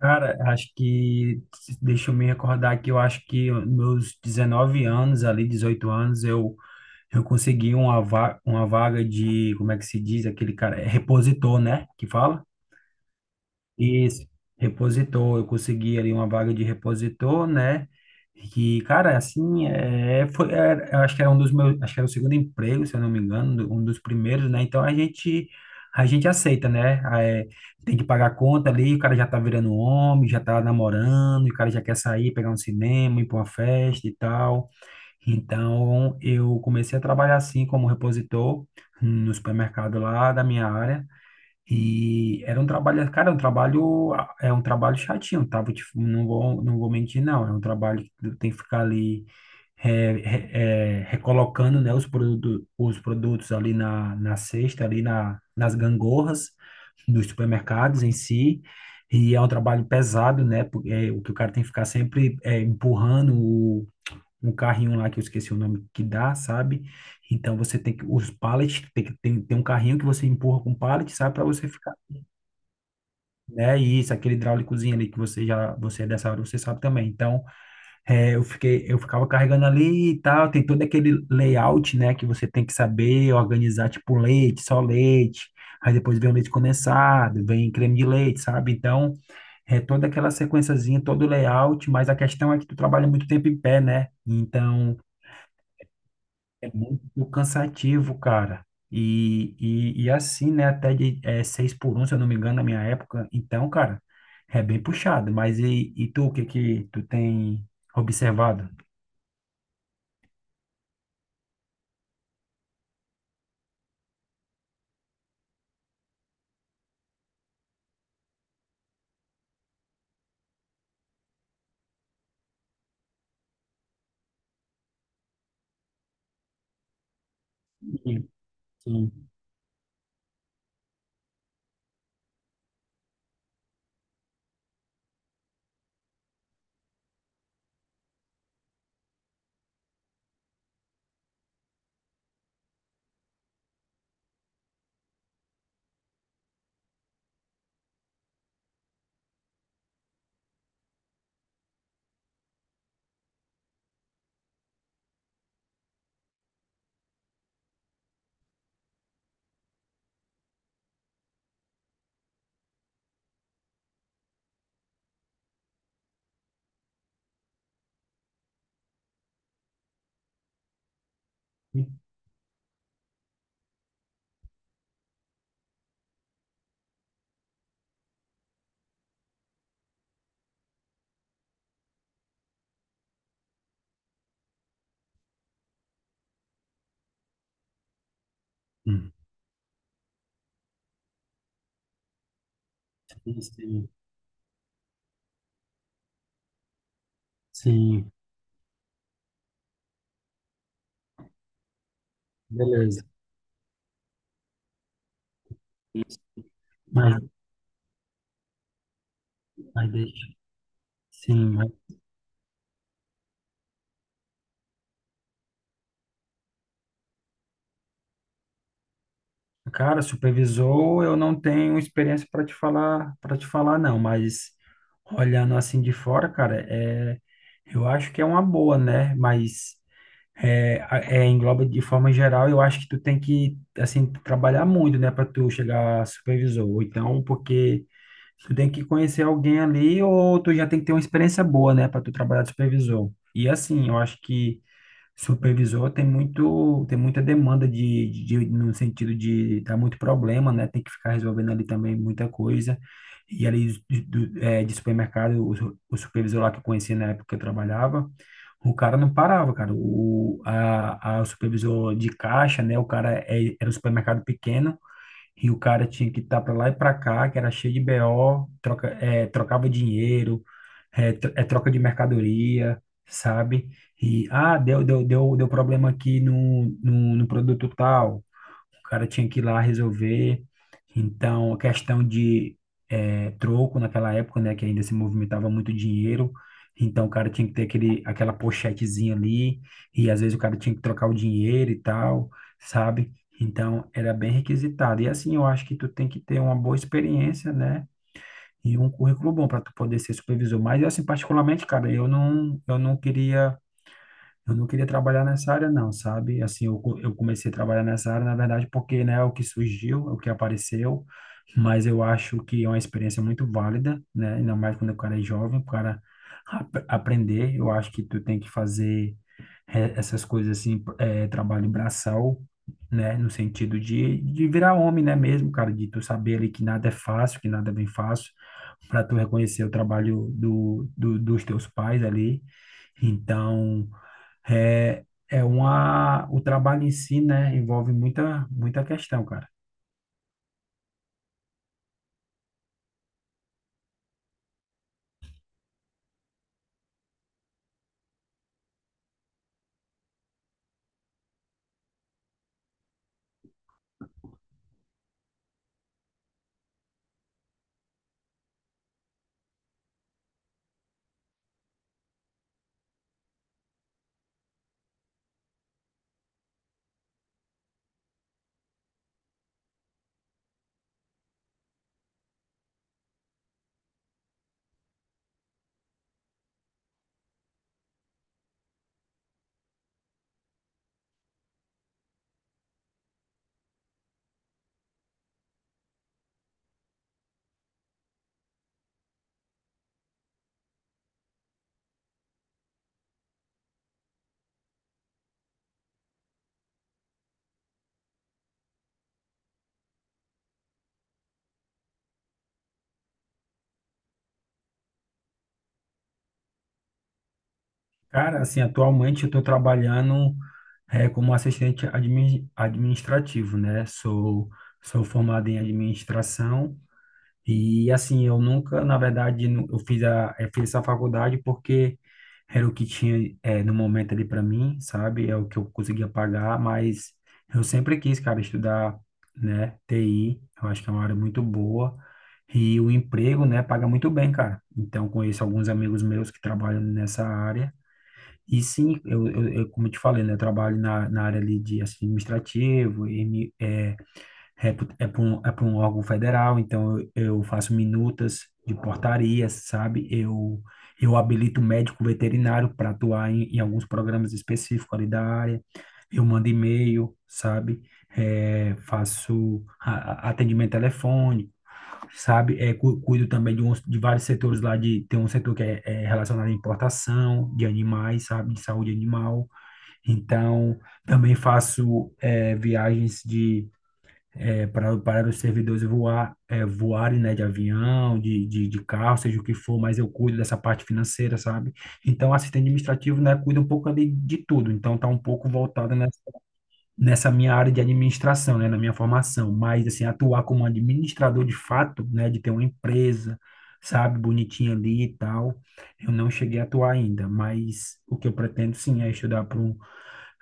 Cara, deixa eu me recordar que eu acho que meus 19 anos, ali 18 anos, eu consegui uma vaga de, como é que se diz, aquele cara, é repositor, né, que fala? Isso, repositor, eu consegui ali uma vaga de repositor, né? Que, cara, eu acho que era um dos meus, acho que era o segundo emprego, se eu não me engano, um dos primeiros, né? A gente aceita, né? Tem que pagar a conta ali, o cara já tá virando homem, já tá namorando, e o cara já quer sair, pegar um cinema, ir pra uma festa e tal. Então eu comecei a trabalhar assim como repositor no supermercado lá da minha área. E era um trabalho, cara, um trabalho, é um trabalho chatinho, tá? Vou te- não vou, não vou mentir, não. É um trabalho que tu tem que ficar ali recolocando, né, os produtos ali na cesta, nas gangorras dos supermercados em si. E é um trabalho pesado, né? Porque o que o cara tem que ficar sempre empurrando um carrinho lá que eu esqueci o nome que dá, sabe? Então você tem que os pallets, tem um carrinho que você empurra com pallet, sabe, para você ficar, né? E isso, aquele hidráulicozinho ali que você é dessa hora, você sabe também. Então, eu ficava carregando ali e tal, tem todo aquele layout, né, que você tem que saber organizar tipo leite, só leite. Aí depois vem o leite condensado, vem creme de leite, sabe? Então, é toda aquela sequenciazinha, todo o layout, mas a questão é que tu trabalha muito tempo em pé, né? Então, é muito cansativo, cara. E assim, né? 6 por 1, se eu não me engano, na minha época. Então, cara, é bem puxado. Mas tu, o que que tu tem observado? Sim, sim. Hum, sim, sim, sim. Beleza. Isso. Mas, mas deixa. Sim, mas, cara, supervisor, eu não tenho experiência para te falar, não. Mas olhando assim de fora, cara, é, eu acho que é uma boa, né? Mas engloba de forma geral, eu acho que tu tem que, assim, trabalhar muito, né, para tu chegar a supervisor. Ou então, porque tu tem que conhecer alguém ali, ou tu já tem que ter uma experiência boa, né, para tu trabalhar de supervisor. E assim, eu acho que supervisor tem muita demanda no sentido de dar muito problema, né? Tem que ficar resolvendo ali também muita coisa. E ali de supermercado, o supervisor lá que eu conheci na época que eu trabalhava, o cara não parava, cara. O supervisor de caixa, né? Era um supermercado pequeno e o cara tinha que estar para lá e para cá, que era cheio de BO, trocava dinheiro, troca de mercadoria, sabe? Deu problema aqui no produto tal. O cara tinha que ir lá resolver. Então, a questão de troco naquela época, né, que ainda se movimentava muito dinheiro. Então, o cara tinha que ter aquela pochetezinha ali, e às vezes o cara tinha que trocar o dinheiro e tal, sabe? Então, era bem requisitado. E assim, eu acho que tu tem que ter uma boa experiência, né? E um currículo bom para tu poder ser supervisor. Mas, assim, particularmente, cara, eu não queria trabalhar nessa área, não, sabe? Assim, eu comecei a trabalhar nessa área, na verdade, porque, né, é o que surgiu, é o que apareceu, mas eu acho que é uma experiência muito válida, né? Ainda mais quando o cara é jovem, aprender. Eu acho que tu tem que fazer essas coisas assim, trabalho braçal, né? No sentido de virar homem, né, mesmo, cara? De tu saber ali que nada é fácil, que nada é bem fácil, para tu reconhecer o trabalho dos teus pais ali. Então. O trabalho em si, né, envolve muita questão, cara. Cara, assim, atualmente eu estou trabalhando como administrativo, né? Sou formado em administração. E assim, eu nunca, na verdade, eu fiz essa faculdade porque era o que tinha no momento ali para mim, sabe? É o que eu conseguia pagar, mas eu sempre quis, cara, estudar, né, TI. Eu acho que é uma área muito boa. E o emprego, né, paga muito bem, cara. Então, conheço alguns amigos meus que trabalham nessa área. E sim, eu como eu te falei, né, eu trabalho na área ali de administrativo, é por um órgão federal, então eu faço minutas de portarias, sabe? Eu habilito médico veterinário para atuar em alguns programas específicos ali da área. Eu mando e-mail, sabe? É, faço atendimento telefônico, sabe? Cuido também de vários setores lá de tem um setor que é relacionado à importação de animais, sabe? De saúde animal. Então, também faço viagens para os servidores voarem, né, de avião, de carro, seja o que for, mas eu cuido dessa parte financeira, sabe? Então, assistente administrativo, né, cuida um pouco ali de tudo. Então, tá um pouco voltada nessa minha área de administração, né, na minha formação. Mas, assim, atuar como administrador de fato, né, de ter uma empresa, sabe, bonitinha ali e tal, eu não cheguei a atuar ainda. Mas o que eu pretendo, sim, é estudar para um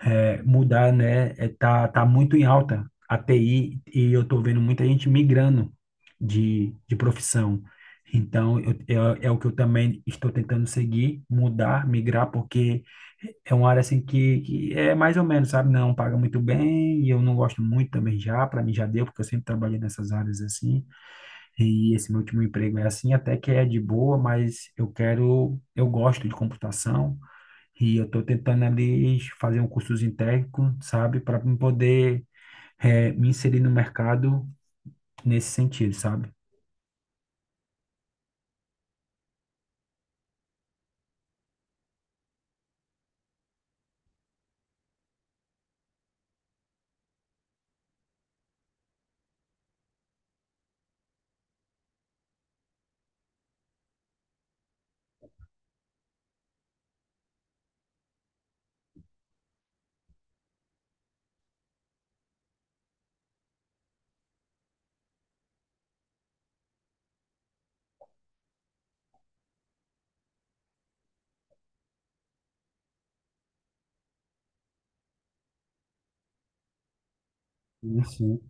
mudar, né? Tá muito em alta a TI e eu tô vendo muita gente migrando de profissão. Então, eu, é o que eu também estou tentando seguir, mudar, migrar, porque é uma área que é mais ou menos, sabe? Não paga muito bem e eu não gosto muito também já, para mim já deu, porque eu sempre trabalhei nessas áreas assim. E esse meu último emprego é assim, até que é de boa, mas eu quero, eu gosto de computação, e eu estou tentando ali fazer um cursozinho técnico, sabe, para poder me inserir no mercado nesse sentido, sabe? Isso.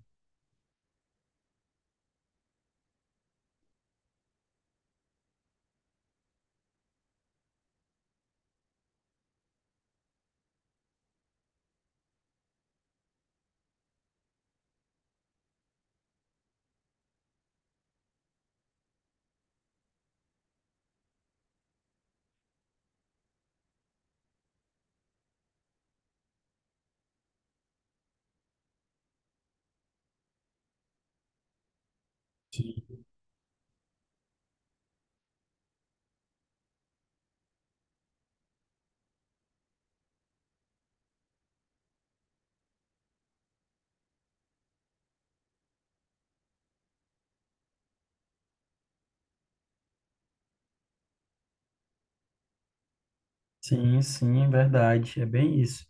Sim, sim, é verdade. É bem isso.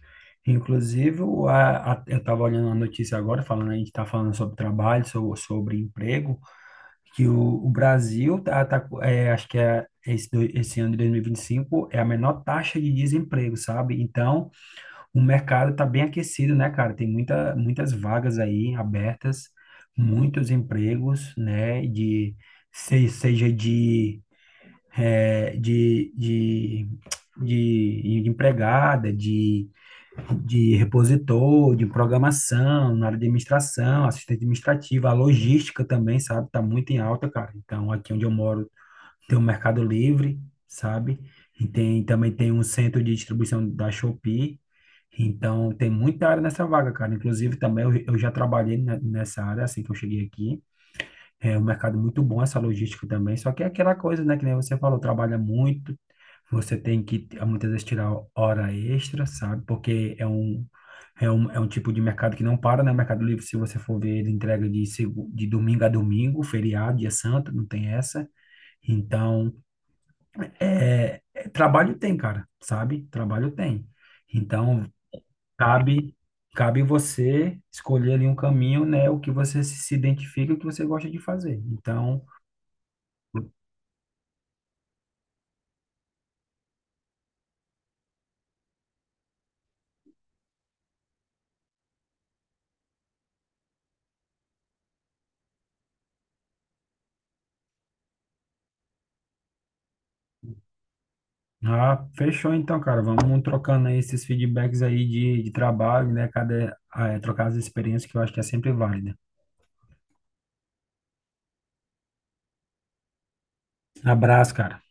Inclusive, eu estava olhando uma notícia agora, falando, a gente está falando sobre trabalho, sobre emprego, que o Brasil acho que é esse, esse ano de 2025 é a menor taxa de desemprego, sabe? Então, o mercado está bem aquecido, né, cara? Tem muitas vagas aí abertas, muitos empregos, né? De, se- seja de, eh, de empregada, de repositor, de programação, na área de administração, assistente administrativa, a logística também, sabe? Está muito em alta, cara. Então, aqui onde eu moro, tem o Mercado Livre, sabe? E tem, também tem um centro de distribuição da Shopee. Então, tem muita área nessa vaga, cara. Inclusive, também eu já trabalhei nessa área assim que eu cheguei aqui. É um mercado muito bom essa logística também. Só que é aquela coisa, né? Que nem você falou, trabalha muito. Você tem que, muitas vezes, tirar hora extra, sabe? Porque é um tipo de mercado que não para, né? O Mercado Livre, se você for ver, ele entrega de, de domingo a domingo, feriado, dia santo, não tem essa. Então, trabalho tem, cara, sabe? Trabalho tem. Então, cabe, cabe você escolher ali um caminho, né? O que você se identifica, o que você gosta de fazer. Então, ah, fechou então, cara. Vamos trocando aí esses feedbacks aí de trabalho, né? Trocar as experiências que eu acho que é sempre válida. Abraço, cara.